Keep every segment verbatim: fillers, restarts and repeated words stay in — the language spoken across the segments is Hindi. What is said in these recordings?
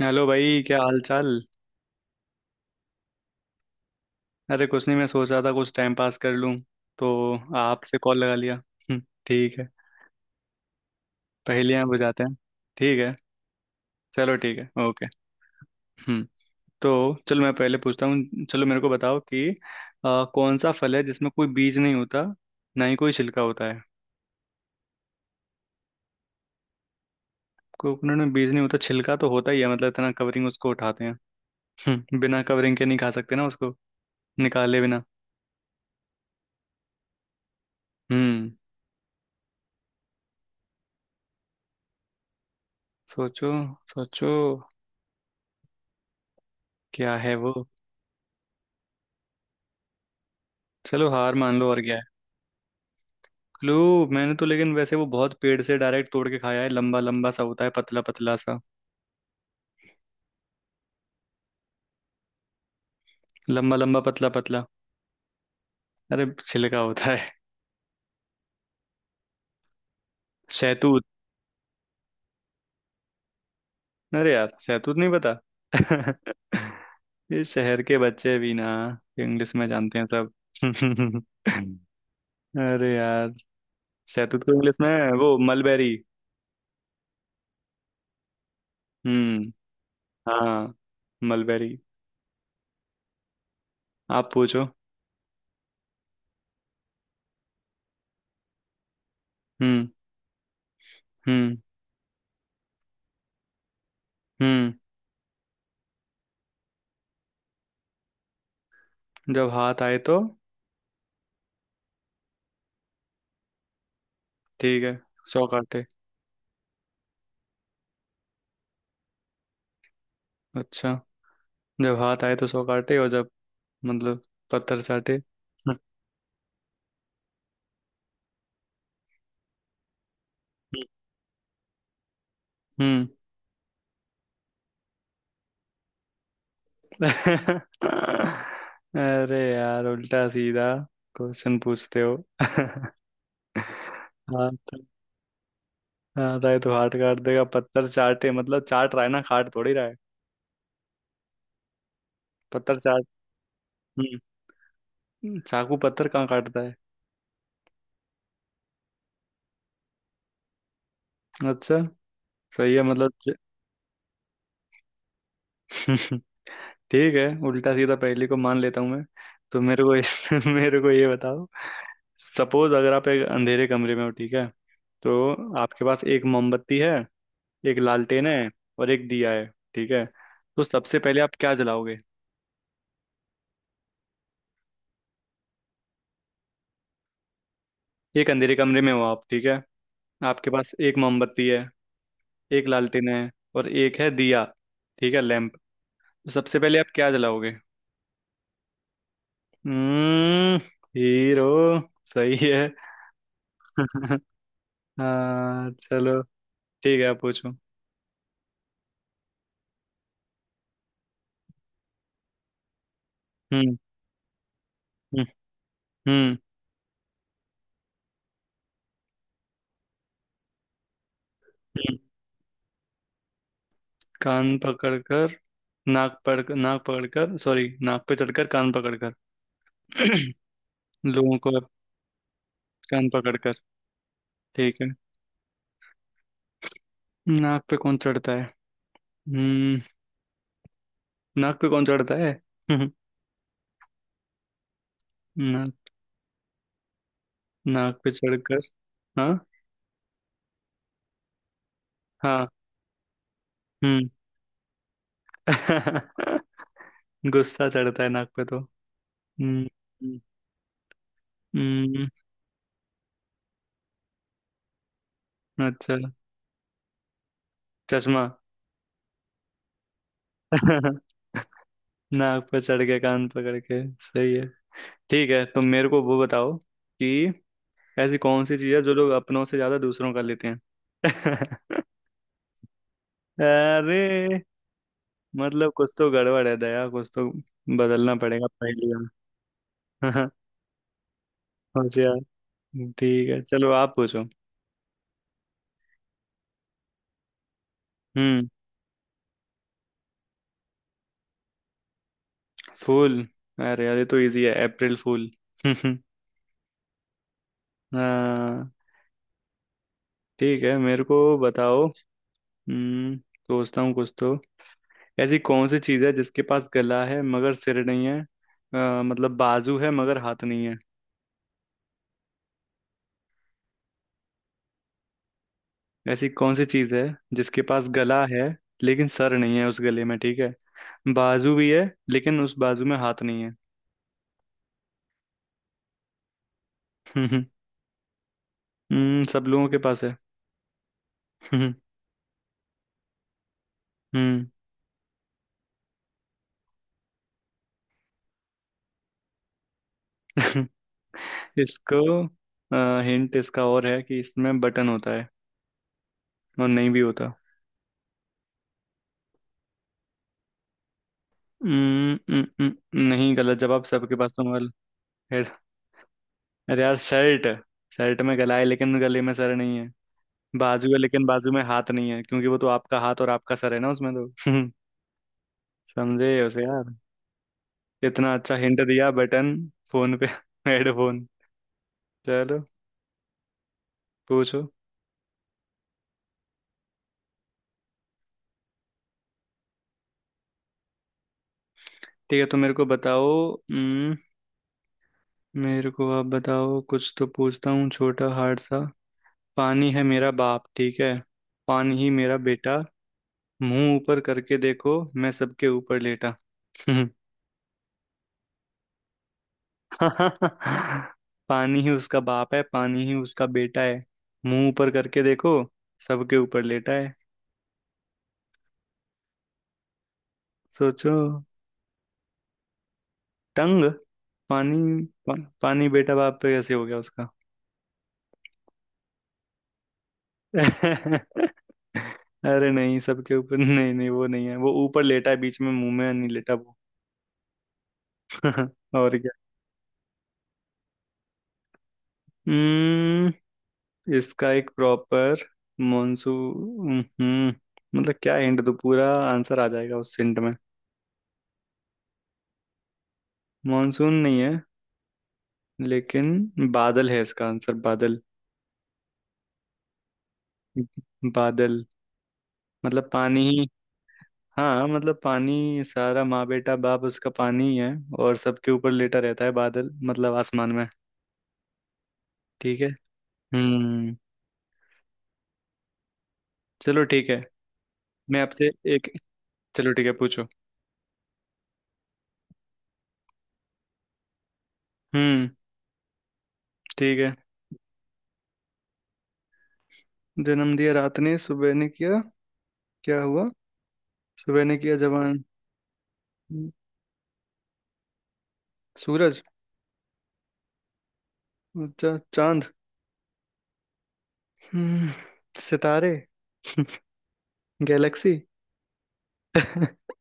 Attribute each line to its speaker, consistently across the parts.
Speaker 1: हेलो भाई, क्या हाल चाल। अरे कुछ नहीं, मैं सोच रहा था कुछ टाइम पास कर लूं, तो आपसे कॉल लगा लिया। हम्म, ठीक है। पहेलियां बुझाते हैं। ठीक है। चलो ठीक है, ओके। हम्म तो चलो, मैं पहले पूछता हूँ। चलो मेरे को बताओ कि अ, कौन सा फल है जिसमें कोई बीज नहीं होता, ना ही कोई छिलका होता है। कोकोनट में बीज नहीं होता, छिलका तो होता ही है। मतलब इतना कवरिंग उसको उठाते हैं। हम्म, बिना कवरिंग के नहीं खा सकते ना उसको, निकाले बिना। हम्म सोचो, सोचो। क्या है वो? चलो हार मान लो, और क्या। क्लू। मैंने तो लेकिन वैसे वो बहुत पेड़ से डायरेक्ट तोड़ के खाया है, लंबा लंबा सा होता है, पतला पतला सा। लंबा लंबा, पतला पतला। अरे छिलका होता है। शहतूत। अरे यार, शहतूत नहीं पता। ये शहर के बच्चे भी ना, इंग्लिश में जानते हैं सब। अरे यार, शहतूत को इंग्लिश में वो मलबेरी। हम्म। हाँ, मलबेरी। आप पूछो। हम्म हम्म हम्म जब हाथ आए तो, ठीक है, सौ काटे। अच्छा। जब हाथ आए तो सौ काटे, और जब, मतलब, पत्थर चाटे। हम्म। हम्म। अरे यार, उल्टा सीधा क्वेश्चन पूछते हो। हाथ। हाथ आए तो हाथ काट देगा, पत्थर चाटे मतलब चाट रहा है ना, काट थोड़ी रहा है। पत्थर चाट। हम्म चाकू पत्थर कहाँ काटता है? अच्छा, सही है मतलब। ठीक है, उल्टा सीधा पहेली को मान लेता हूँ मैं। तो मेरे को इस मेरे को ये बताओ, सपोज अगर आप एक अंधेरे कमरे में हो, ठीक है, तो आपके पास एक मोमबत्ती है, एक लालटेन है, और एक दिया है, ठीक है, तो सबसे पहले आप क्या जलाओगे? एक अंधेरे कमरे में हो आप, ठीक है, आपके पास एक मोमबत्ती है, एक लालटेन है, और एक है दिया, ठीक है, लैंप। तो सबसे पहले आप क्या जलाओगे? हम्म हीरो। सही है। हाँ, चलो, ठीक है, आप पूछो। हम्म। हम्म। हम्म। हम्म। कान पकड़कर, नाक पकड़ नाक पकड़कर, सॉरी, नाक पे चढ़कर कान पकड़कर लोगों को। कान पकड़कर, ठीक है। नाक पे कौन चढ़ता है? हम्म नाक पे कौन चढ़ता है? नाक। नाक पे चढ़कर। हाँ। हाँ। हम्म। गुस्सा चढ़ता है नाक पे तो। हम्म। हम्म। हम्म, अच्छा। चश्मा। नाक पे चढ़ के कान पकड़ के, सही है। ठीक है, तुम मेरे को वो बताओ कि ऐसी कौन सी चीज है जो लोग अपनों से ज्यादा दूसरों का लेते हैं। अरे, मतलब कुछ तो गड़बड़ है दया, कुछ तो बदलना पड़ेगा पहेलियाँ। होशियार। ठीक है, चलो आप पूछो। हम्म फूल। अरे यार, ये तो इजी है, अप्रैल फूल। हाँ, ठीक है, मेरे को बताओ। हम्म सोचता हूँ कुछ तो। ऐसी कौन सी चीज है जिसके पास गला है मगर सिर नहीं है, अ, मतलब बाजू है मगर हाथ नहीं। ऐसी कौन सी चीज है जिसके पास गला है, लेकिन सर नहीं है उस गले में, ठीक है, बाजू भी है, लेकिन उस बाजू में हाथ नहीं है। हम्म हम्म, सब लोगों के पास है। हम्म। हम्म। इसको हिंट इसका और है कि इसमें बटन होता है, और नहीं भी होता। हम्म, हम्म, हम्म, नहीं, गलत जवाब, सबके पास तो मोबाइल है। अरे यार, शर्ट। शर्ट में गला है लेकिन गले में सर नहीं है, बाजू है लेकिन बाजू में हाथ नहीं है, क्योंकि वो तो आपका हाथ और आपका सर है ना उसमें तो। समझे उसे यार, इतना अच्छा हिंट दिया, बटन। फोन पे हेडफोन। चलो, पूछो। ठीक है, तो मेरे को बताओ। हम्म, मेरे को आप बताओ कुछ, तो पूछता हूँ छोटा हार्ड सा। पानी है मेरा बाप, ठीक है, पानी ही मेरा बेटा, मुंह ऊपर करके देखो, मैं सबके ऊपर लेटा। पानी ही उसका बाप है, पानी ही उसका बेटा है, मुंह ऊपर करके देखो, सबके ऊपर लेटा है। सोचो। टंग। पानी पा, पानी बेटा बाप पे कैसे हो गया उसका? अरे नहीं, सबके ऊपर नहीं, नहीं वो नहीं है, वो ऊपर लेटा है, बीच में मुंह में नहीं लेटा वो। और क्या। हम्म इसका एक प्रॉपर मॉनसून। हम्म मतलब क्या हिंट दो, पूरा आंसर आ जाएगा उस हिंट में। मॉनसून नहीं है, लेकिन बादल है इसका आंसर, बादल। बादल मतलब पानी ही। हाँ, मतलब पानी, सारा माँ बेटा बाप उसका पानी ही है, और सबके ऊपर लेटा रहता है बादल, मतलब आसमान में। ठीक है। हम्म चलो ठीक है। मैं आपसे एक चलो ठीक है, पूछो। हम्म ठीक है। जन्म दिया रात ने, सुबह ने किया, क्या हुआ? सुबह ने किया जवान। हम्म, सूरज। चा, चांद। हम्म, सितारे। गैलेक्सी। ठीक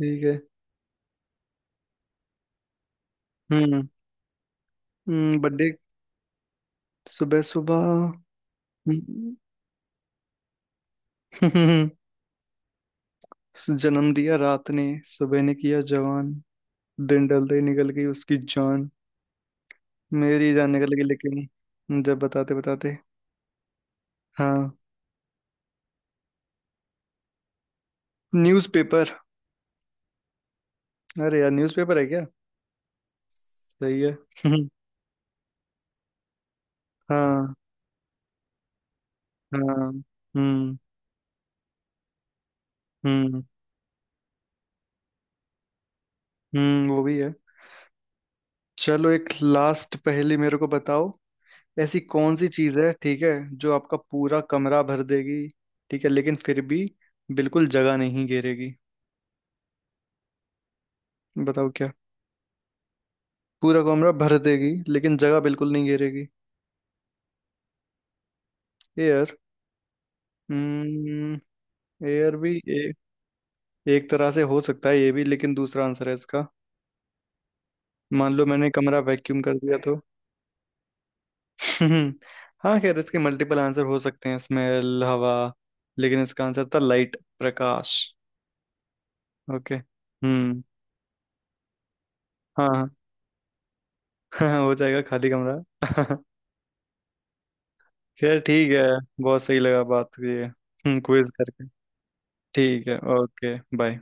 Speaker 1: है। हम्म हम्म, बर्थडे। सुबह सुबह। हम्म, जन्म दिया रात ने, सुबह ने किया जवान, दिन ढलते ही निकल गई उसकी जान। मेरी जान निकल गई लेकिन जब बताते बताते। हाँ। न्यूज़पेपर। अरे यार, न्यूज़पेपर है क्या? सही है। हाँ। हाँ। हम्म हम्म हम्म वो भी है। चलो, एक लास्ट पहेली मेरे को बताओ। ऐसी कौन सी चीज है, ठीक है, जो आपका पूरा कमरा भर देगी, ठीक है, लेकिन फिर भी बिल्कुल जगह नहीं घेरेगी। बताओ क्या? पूरा कमरा भर देगी लेकिन जगह बिल्कुल नहीं घेरेगी। एयर। हम्म एयर भी ए, एक तरह से हो सकता है ये भी, लेकिन दूसरा आंसर है इसका। मान लो मैंने कमरा वैक्यूम कर दिया तो। हम्म, हाँ, खैर इसके मल्टीपल आंसर हो सकते हैं, स्मेल, हवा, लेकिन इसका आंसर था लाइट, प्रकाश। ओके। हम्म। हाँ। हाँ। हाँ, हो जाएगा खाली कमरा। खैर ठीक है, बहुत सही लगा बात ये क्विज करके। ठीक है। Okay, bye.